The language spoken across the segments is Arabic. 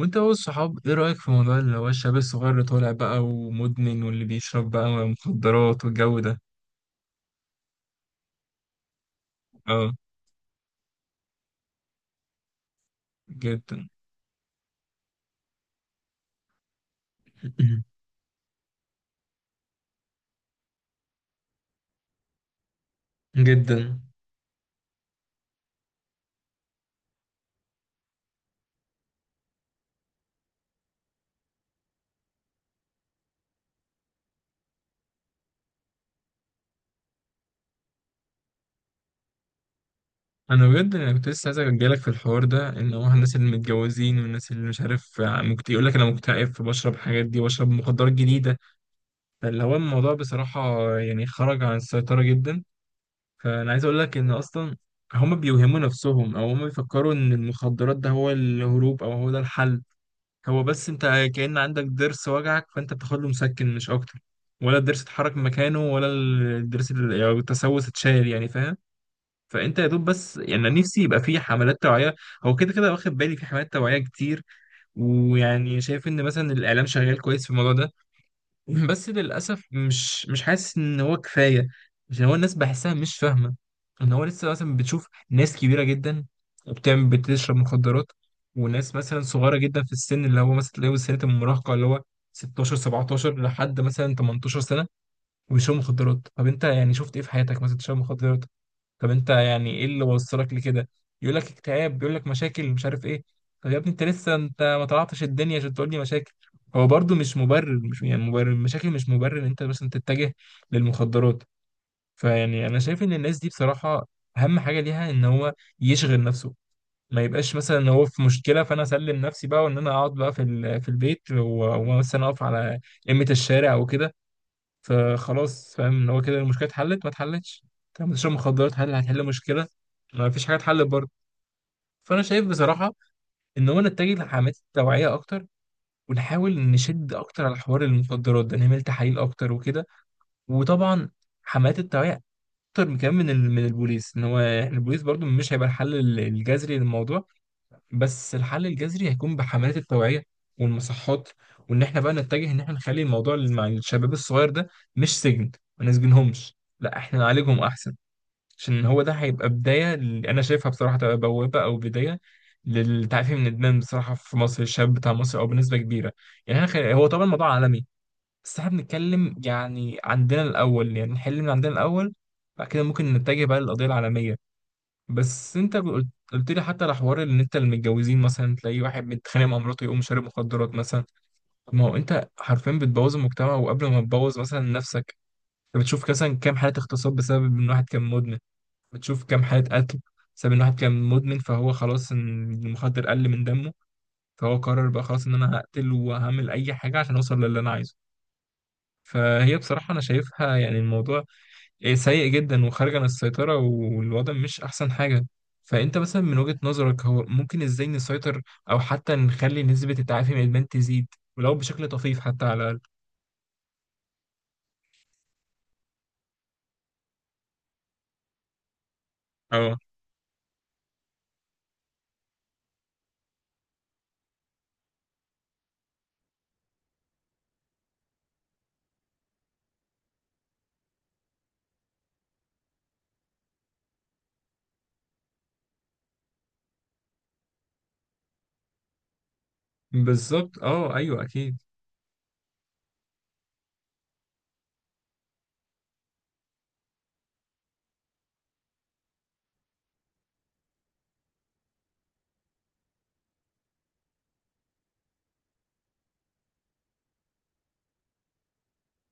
وانت هو الصحاب، ايه رأيك في موضوع اللي هو الشاب الصغير اللي طالع بقى ومدمن واللي بيشرب بقى مخدرات والجو ده؟ اه، جدا. جدا. انا بجد انا كنت لسه عايز اجيلك في الحوار ده، ان هو الناس اللي متجوزين والناس اللي مش عارف يقول لك انا مكتئب فبشرب حاجات دي واشرب مخدرات جديدة. فاللي هو الموضوع بصراحة يعني خرج عن السيطرة جدا. فانا عايز اقول لك ان اصلا هما بيوهموا نفسهم او هما بيفكروا ان المخدرات ده هو الهروب او هو ده الحل. هو بس انت كأن عندك ضرس وجعك، فانت بتاخد له مسكن مش اكتر. ولا الضرس اتحرك من مكانه، ولا الضرس يعني التسوس اتشال، يعني فاهم. فانت يا دوب بس، يعني أنا نفسي يبقى في حملات توعيه. هو كده كده واخد بالي في حملات توعيه كتير. ويعني شايف ان مثلا الاعلام شغال كويس في الموضوع ده. بس للأسف مش حاسس إن هو كفاية. عشان هو الناس بحسها مش فاهمة. إن هو لسه مثلا بتشوف ناس كبيرة جدا وبتعمل بتشرب مخدرات، وناس مثلا صغيرة جدا في السن، اللي هو مثلا تلاقيه سنة المراهقة اللي هو 16 17 لحد مثلا 18 سنة وبيشربوا مخدرات. طب أنت يعني شفت إيه في حياتك مثلا تشرب مخدرات؟ طب انت يعني ايه اللي وصلك لكده؟ يقول لك اكتئاب، بيقول لك مشاكل مش عارف ايه. طب يا ابني انت لسه، انت ما طلعتش الدنيا عشان تقول لي مشاكل. هو برضو مش مبرر، مش يعني مبرر، المشاكل مش مبرر ان انت مثلا تتجه للمخدرات. فيعني انا شايف ان الناس دي بصراحة اهم حاجة ليها ان هو يشغل نفسه. ما يبقاش مثلا ان هو في مشكلة، فانا اسلم نفسي بقى، وان انا اقعد بقى في في البيت ومثلا اقف على قمة الشارع وكده. فخلاص، فاهم ان هو كده المشكله اتحلت؟ ما اتحلتش. طب بتشرب مخدرات، هل هتحل مشكله؟ ما فيش حاجه اتحلت برضه. فانا شايف بصراحه ان هو نتجه لحملات التوعيه اكتر، ونحاول نشد اكتر على حوار المخدرات ده، نعمل تحاليل اكتر وكده. وطبعا حملات التوعيه اكتر، من كمان من من البوليس، ان هو البوليس برضه مش هيبقى الحل الجذري للموضوع. بس الحل الجذري هيكون بحملات التوعية والمصحات، وإن إحنا بقى نتجه إن إحنا نخلي الموضوع مع الشباب الصغير ده مش سجن. ما نسجنهمش، لا، إحنا نعالجهم أحسن. عشان هو ده هيبقى بداية، اللي أنا شايفها بصراحة تبقى بوابة أو بداية للتعافي من الإدمان بصراحة في مصر. الشاب بتاع مصر أو بنسبة كبيرة، يعني إحنا هو طبعا الموضوع عالمي، بس إحنا بنتكلم يعني عندنا الأول، يعني نحل من عندنا الأول، بعد كده ممكن نتجه بقى للقضية العالمية. بس انت قلت، قلت لي حتى على حوار ان انت المتجوزين مثلا تلاقي واحد متخانق مع مراته يقوم شارب مخدرات مثلا. طب ما هو انت حرفيا بتبوظ المجتمع، وقبل ما تبوظ مثلا نفسك. انت بتشوف مثلا كام حالة اغتصاب بسبب ان واحد كان مدمن؟ بتشوف كام حالة قتل بسبب ان واحد كان مدمن، فهو خلاص ان المخدر قل من دمه، فهو قرر بقى خلاص ان انا هقتل وهعمل اي حاجة عشان اوصل للي انا عايزه. فهي بصراحة انا شايفها، يعني الموضوع إيه، سيء جدا وخارج عن السيطرة، والوضع مش أحسن حاجة. فأنت مثلا من وجهة نظرك، هو ممكن إزاي نسيطر أو حتى نخلي نسبة التعافي من الإدمان تزيد ولو بشكل طفيف حتى على الأقل؟ اه. بالظبط، أه، أيوه أكيد.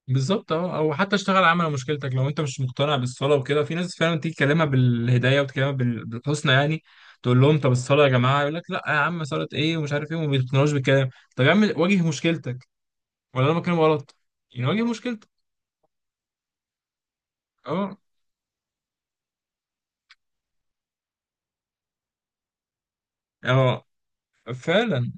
بالظبط، أه. أو حتى اشتغل على مشكلتك. لو أنت مش مقتنع بالصلاة وكده، في ناس فعلا تيجي تكلمها بالهداية وتكلمها بالحسنى، يعني تقول لهم طب الصلاة يا جماعة، يقول لك لا يا عم صلاة إيه ومش عارف إيه، وما بيقتنعوش بالكلام. طب يا عم واجه مشكلتك، ولا أنا بتكلم غلط؟ يعني واجه مشكلتك. أه. اه. فعلا،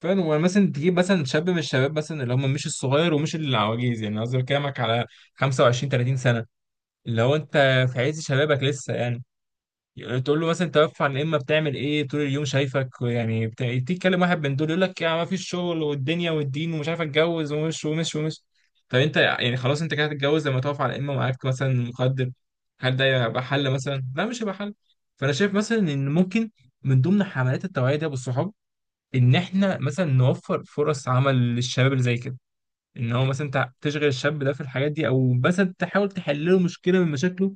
فعلا. ومثلا تجيب مثلا شاب من الشباب مثلا، اللي هم مش الصغير ومش العواجيز، يعني قصدي بكلمك على 25 30 سنه. اللي هو انت في عز شبابك لسه، يعني تقول له مثلا توفى عن الامه، بتعمل ايه طول اليوم شايفك، يعني تيجي تكلم واحد من دول يقول لك يعني ما فيش شغل والدنيا والدين ومش عارف اتجوز، ومش ومش ومش. طب انت يعني خلاص انت كده هتتجوز لما تقف على الامه معاك مثلا مخدر؟ هل ده يبقى حل؟ مثلا لا، مش هيبقى حل. فانا شايف مثلا ان ممكن من ضمن حملات التوعيه دي بالصحاب، ان احنا مثلا نوفر فرص عمل للشباب اللي زي كده، ان هو مثلا انت تشغل الشاب ده في الحاجات دي، او مثلا تحاول تحل له مشكله من مشاكله،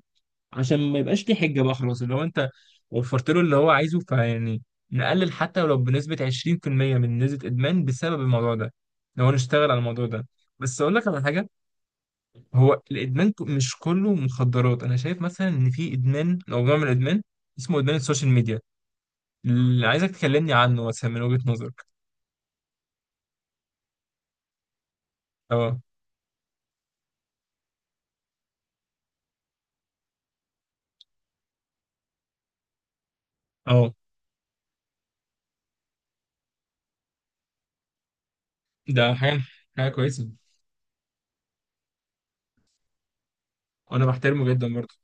عشان ما يبقاش ليه حجه بقى. خلاص، اللي هو انت وفرت له اللي هو عايزه، فيعني نقلل حتى ولو بنسبه 20% من نسبه ادمان بسبب الموضوع ده لو نشتغل على الموضوع ده. بس اقول لك على حاجه، هو الادمان مش كله مخدرات. انا شايف مثلا ان في ادمان او نوع من الادمان اسمه ادمان السوشيال ميديا، اللي عايزك تكلمني عنه مثلا من وجهه نظرك. اه. اه. ده حاجة، حاجة كويسة. وأنا بحترمه جدا برضه.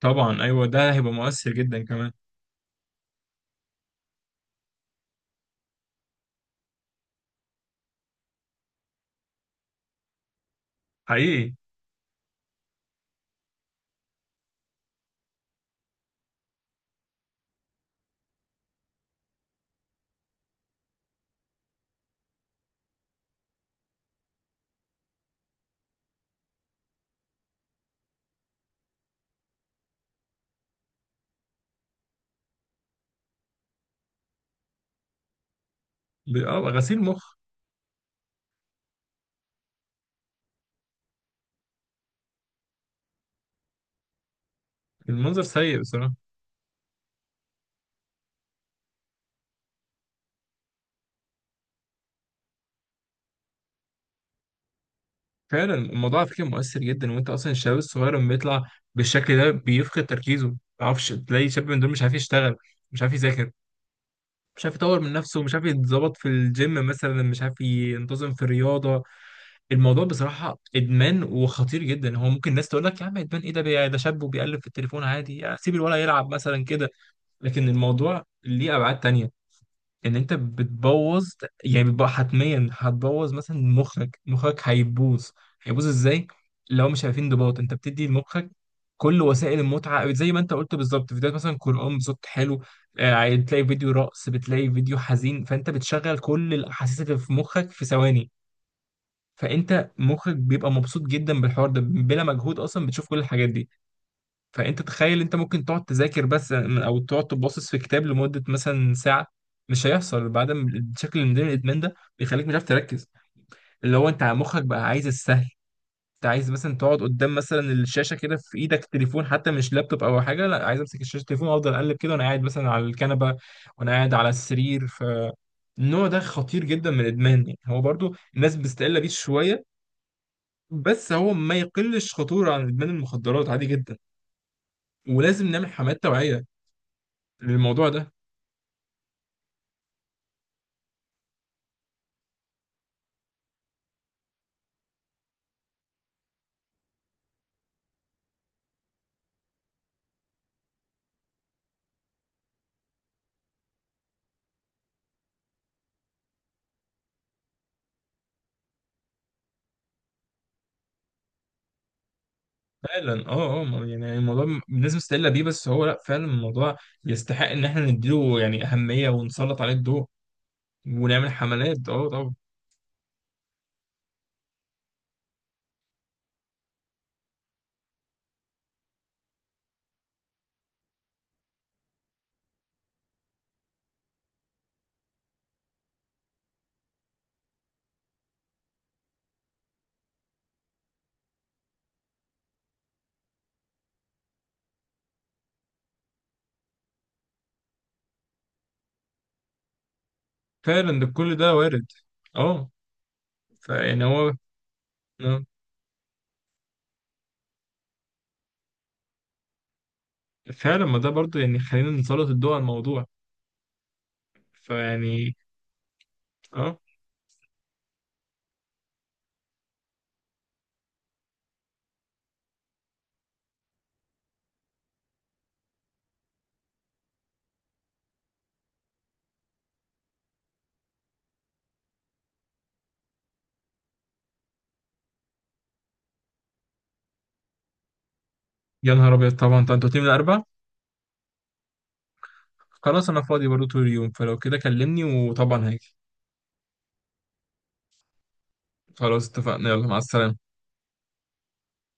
طبعا أيوه، ده هيبقى مؤثر جدا كمان. حقيقي. أه، غسيل مخ. المنظر سيء بصراحة. فعلا الموضوع على فكرة مؤثر جدا. وأنت أصلا الشباب الصغير لما بيطلع بالشكل ده بيفقد تركيزه، ما يعرفش. تلاقي شاب من دول مش عارف يشتغل، مش عارف يذاكر، مش عارف يطور من نفسه، مش عارف يتظبط في الجيم مثلا، مش عارف ينتظم في الرياضة. الموضوع بصراحة إدمان وخطير جدا. هو ممكن الناس تقول لك يا عم إدمان إيه ده، ده شاب وبيقلب في التليفون عادي، يعني سيب الولد يلعب مثلا كده. لكن الموضوع ليه ابعاد تانية، ان انت بتبوظ، يعني بتبقى حتميا هتبوظ مثلا مخك. مخك هيبوظ. هيبوظ ازاي؟ لو مش عارفين انضباط، انت بتدي لمخك كل وسائل المتعه زي ما انت قلت بالظبط. فيديوهات مثلا قران بصوت حلو، آه، بتلاقي فيديو رقص، بتلاقي فيديو حزين، فانت بتشغل كل الاحاسيس اللي في مخك في ثواني. فانت مخك بيبقى مبسوط جدا بالحوار ده بلا مجهود، اصلا بتشوف كل الحاجات دي. فانت تخيل انت ممكن تقعد تذاكر بس، او تقعد تباصص في كتاب لمده مثلا ساعه؟ مش هيحصل. بعد ما الشكل من ضمن الادمان ده بيخليك مش عارف تركز، اللي هو انت مخك بقى عايز السهل. انت عايز مثلا تقعد قدام مثلا الشاشه كده، في ايدك تليفون حتى، مش لابتوب او حاجه، لا، عايز امسك الشاشه تليفون وافضل اقلب كده وانا قاعد مثلا على الكنبه وانا قاعد على السرير. ف النوع ده خطير جدا من الادمان. يعني هو برضو الناس بتستقل بيه شويه، بس هو ما يقلش خطوره عن ادمان المخدرات عادي جدا. ولازم نعمل حملات توعيه للموضوع ده. فعلا، اه، اه. يعني الموضوع الناس مستقله بيه، بس هو لا، فعلا الموضوع يستحق ان احنا نديله يعني اهميه ونسلط عليه الضوء، ونعمل حملات، اه طبعا. فعلا ده، كل ده وارد. اه. فيعني هو، آه. فعلا، ما ده برضه يعني خلينا نسلط الضوء على الموضوع. فيعني اه. يا نهار ابيض، طبعا. طب انتوا من الاربع؟ خلاص انا فاضي برضه طول اليوم، فلو كده كلمني وطبعا هاجي. خلاص اتفقنا، يلا مع السلامه.